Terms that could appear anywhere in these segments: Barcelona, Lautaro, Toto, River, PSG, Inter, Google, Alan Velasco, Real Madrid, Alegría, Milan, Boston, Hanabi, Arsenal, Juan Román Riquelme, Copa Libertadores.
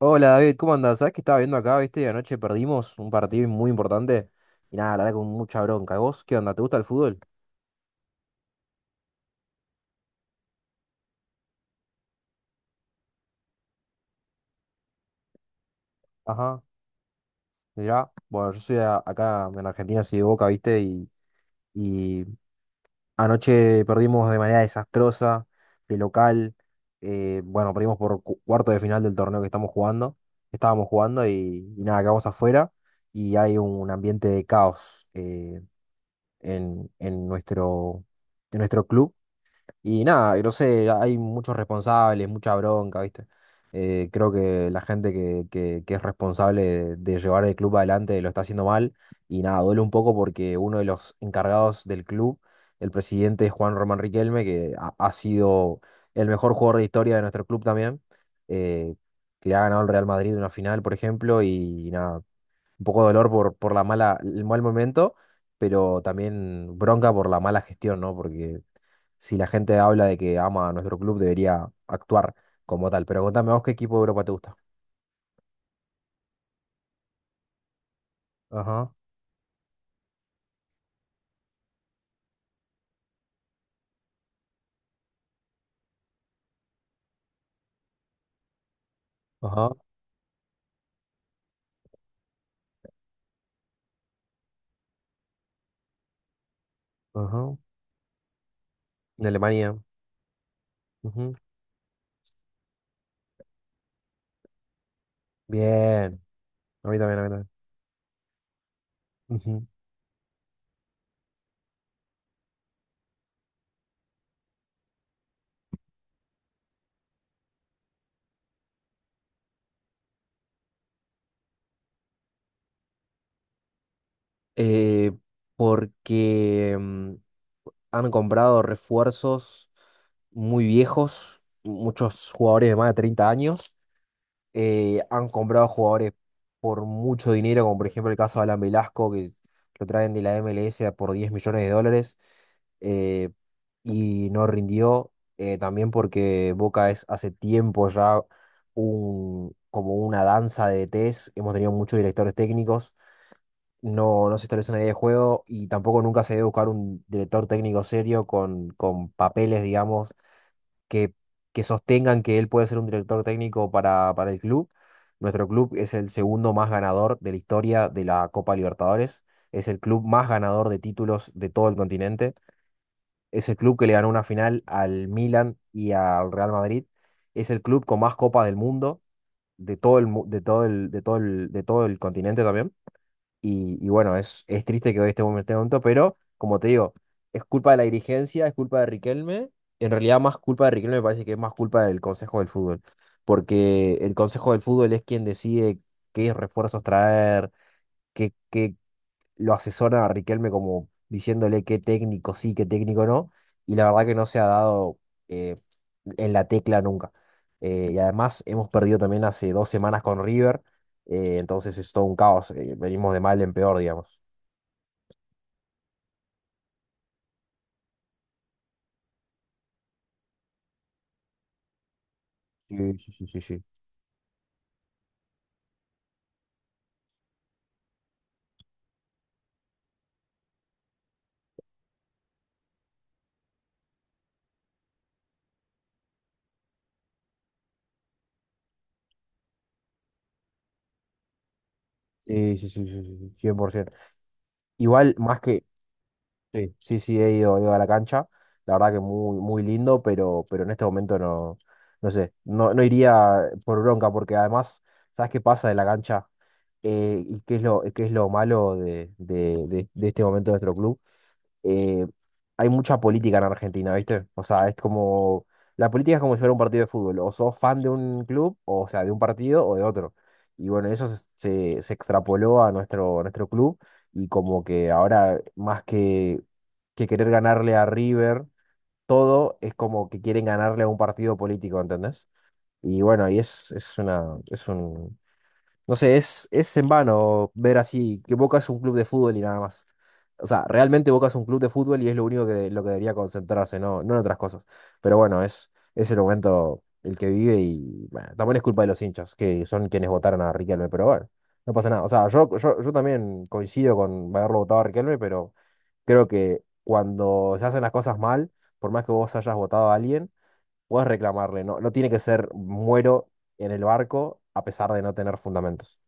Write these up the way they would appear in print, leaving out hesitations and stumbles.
Hola David, ¿cómo andás? ¿Sabés que estaba viendo acá, viste? Anoche perdimos un partido muy importante y nada, la verdad con mucha bronca. ¿Vos qué onda? ¿Te gusta el fútbol? Ajá, mirá. Bueno, yo soy acá en Argentina, soy de Boca, viste, y anoche perdimos de manera desastrosa, de local. Bueno, perdimos por cuarto de final del torneo que estamos jugando. Estábamos jugando y nada, quedamos afuera y hay un ambiente de caos, en, en nuestro, en nuestro club. Y nada, y no sé, hay muchos responsables, mucha bronca, ¿viste? Creo que la gente que es responsable de llevar el club adelante lo está haciendo mal. Y nada, duele un poco porque uno de los encargados del club, el presidente es Juan Román Riquelme, que ha sido el mejor jugador de historia de nuestro club también, eh, que le ha ganado el Real Madrid una final, por ejemplo, y nada, un poco de dolor por la mala, el mal momento, pero también bronca por la mala gestión, ¿no? Porque si la gente habla de que ama a nuestro club, debería actuar como tal. Pero contame vos qué equipo de Europa te gusta. Ajá, ajá, ajá. De Alemania. Ujú. Bien. A mí también, a mí también. Ujú. Eh, Porque han comprado refuerzos muy viejos, muchos jugadores de más de 30 años. Han comprado jugadores por mucho dinero, como por ejemplo el caso de Alan Velasco, que lo traen de la MLS a por 10 millones de dólares. eh, y no rindió. También porque Boca es hace tiempo ya como una danza de DTs. Hemos tenido muchos directores técnicos, no, no se establece una idea de juego y tampoco nunca se debe buscar un director técnico serio con papeles, digamos que, que sostengan que él puede ser un director técnico para el club. Nuestro club es el segundo más ganador de la historia de la Copa Libertadores. Es el club más ganador de títulos de todo el continente. Es el club que le ganó una final al Milan y al Real Madrid. Es el club con más copas del mundo, de todo el, mu- de todo el, de todo el, de todo el continente también. Y bueno, es triste que hoy estemos en este momento, pero como te digo, es culpa de la dirigencia, es culpa de Riquelme. En realidad, más culpa de Riquelme me parece que es más culpa del Consejo del Fútbol, porque el Consejo del Fútbol es quien decide qué refuerzos traer, qué, qué, lo asesora a Riquelme como diciéndole qué técnico sí, qué técnico no, y la verdad que no se ha dado, eh, en la tecla nunca. Y además hemos perdido también hace 2 semanas con River, entonces es todo un caos, venimos de mal en peor, digamos. Sí, sí, sí, sí, sí. Sí, sí, sí, sí, sí, sí, 100%. Igual, sí, sí, sí, he ido a la cancha. La verdad que muy, muy lindo, pero en este momento no, no sé, no, no iría, por bronca, porque además, ¿sabes qué pasa de la cancha? ¿Y qué es lo malo de este momento de nuestro club? eh, Hay mucha política en Argentina, ¿viste? O sea, la política es como si fuera un partido de fútbol, o sos fan de un club, o sea, de un partido o de otro. Y bueno, eso se extrapoló a nuestro club y como que ahora, más que querer ganarle a River, todo es como que quieren ganarle a un partido político, ¿entendés? Y bueno, y es una, es un, no sé, es en vano ver así que Boca es un club de fútbol y nada más. O sea, realmente Boca es un club de fútbol y es lo único que, lo que debería concentrarse, no, no en otras cosas. Pero bueno, es el momento el que vive y bueno, también es culpa de los hinchas, que son quienes votaron a Riquelme, pero bueno, no pasa nada. O sea, yo también coincido con haberlo votado a Riquelme, pero creo que cuando se hacen las cosas mal, por más que vos hayas votado a alguien, puedes reclamarle, no, no tiene que ser muero en el barco a pesar de no tener fundamentos.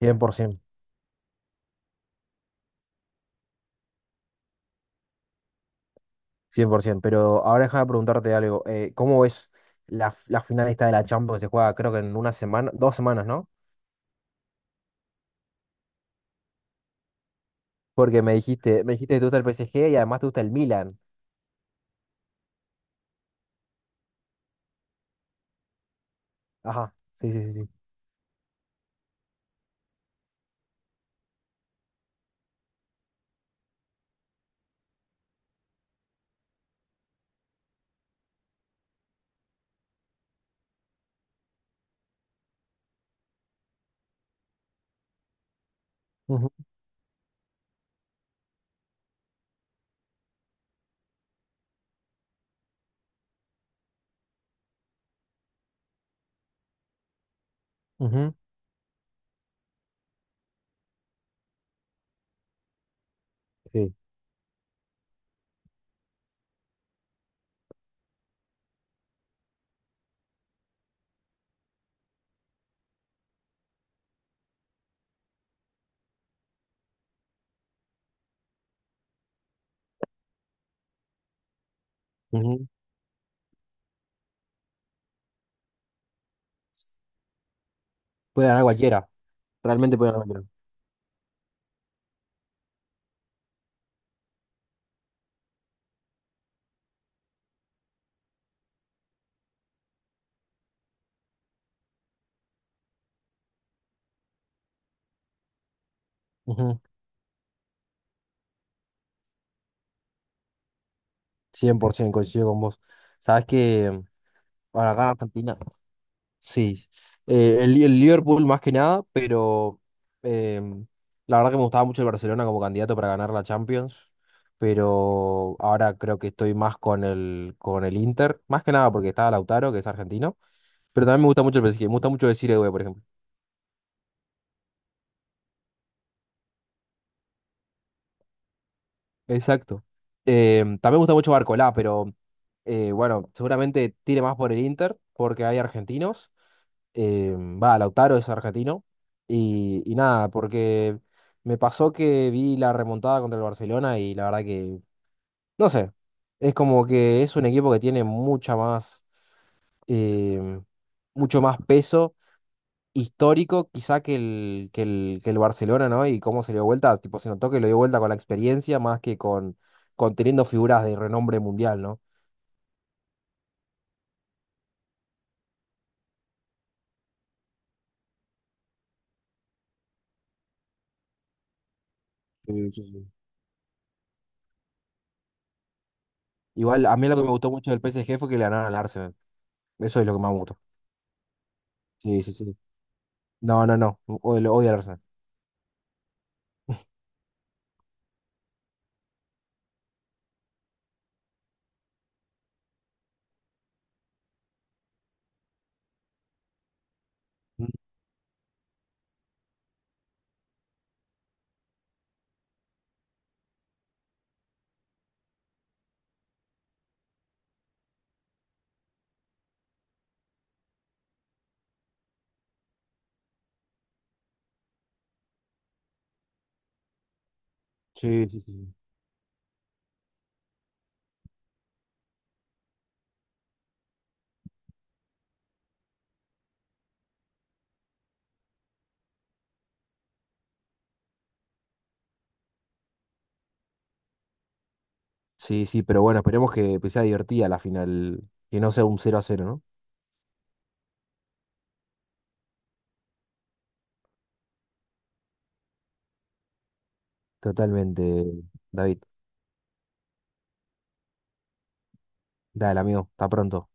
Cien por ciento, cien por 100%. Pero ahora déjame preguntarte algo. ¿Cómo ves la final esta de la Champions que se juega, creo que en una semana, dos semanas, ¿no? Porque me dijiste que te gusta el PSG y además te gusta el Milan. Ajá, sí, sí, sí, sí. Ujú, ujú, sí, ujú. Puede ganar cualquiera, realmente puede ganar cualquiera. Ujú, 100% coincido con vos. Sabes que para acá en Argentina, sí, el Liverpool más que nada, pero, eh, la verdad que me gustaba mucho el Barcelona como candidato para ganar la Champions, pero ahora creo que estoy más con el Inter, más que nada porque estaba Lautaro, que es argentino, pero también me gusta mucho el PSG, me gusta mucho decir Edu, por ejemplo. Exacto. También me gusta mucho Barcolá, pero, bueno, seguramente tire más por el Inter porque hay argentinos, va, Lautaro es argentino. Y nada, porque me pasó que vi la remontada contra el Barcelona y la verdad que, no sé, es como que es un equipo que tiene mucha más, eh, mucho más peso histórico quizá que el Barcelona, ¿no? Y cómo se le dio vuelta, tipo, se notó que lo dio vuelta con la experiencia más que con teniendo figuras de renombre mundial, ¿no? Sí, sí, sí. Igual, a mí lo que me gustó mucho del PSG fue que le ganaron al Arsenal. Eso es lo que más me gustó. Sí, sí, sí. No, no, no. Odio, odio al Arsenal. Mm. Sí, sí, sí. Sí, sí, pero bueno, esperemos que sea divertida la final. Que no sea un 0-0, ¿no? Totalmente, David. Dale, amigo. Hasta pronto.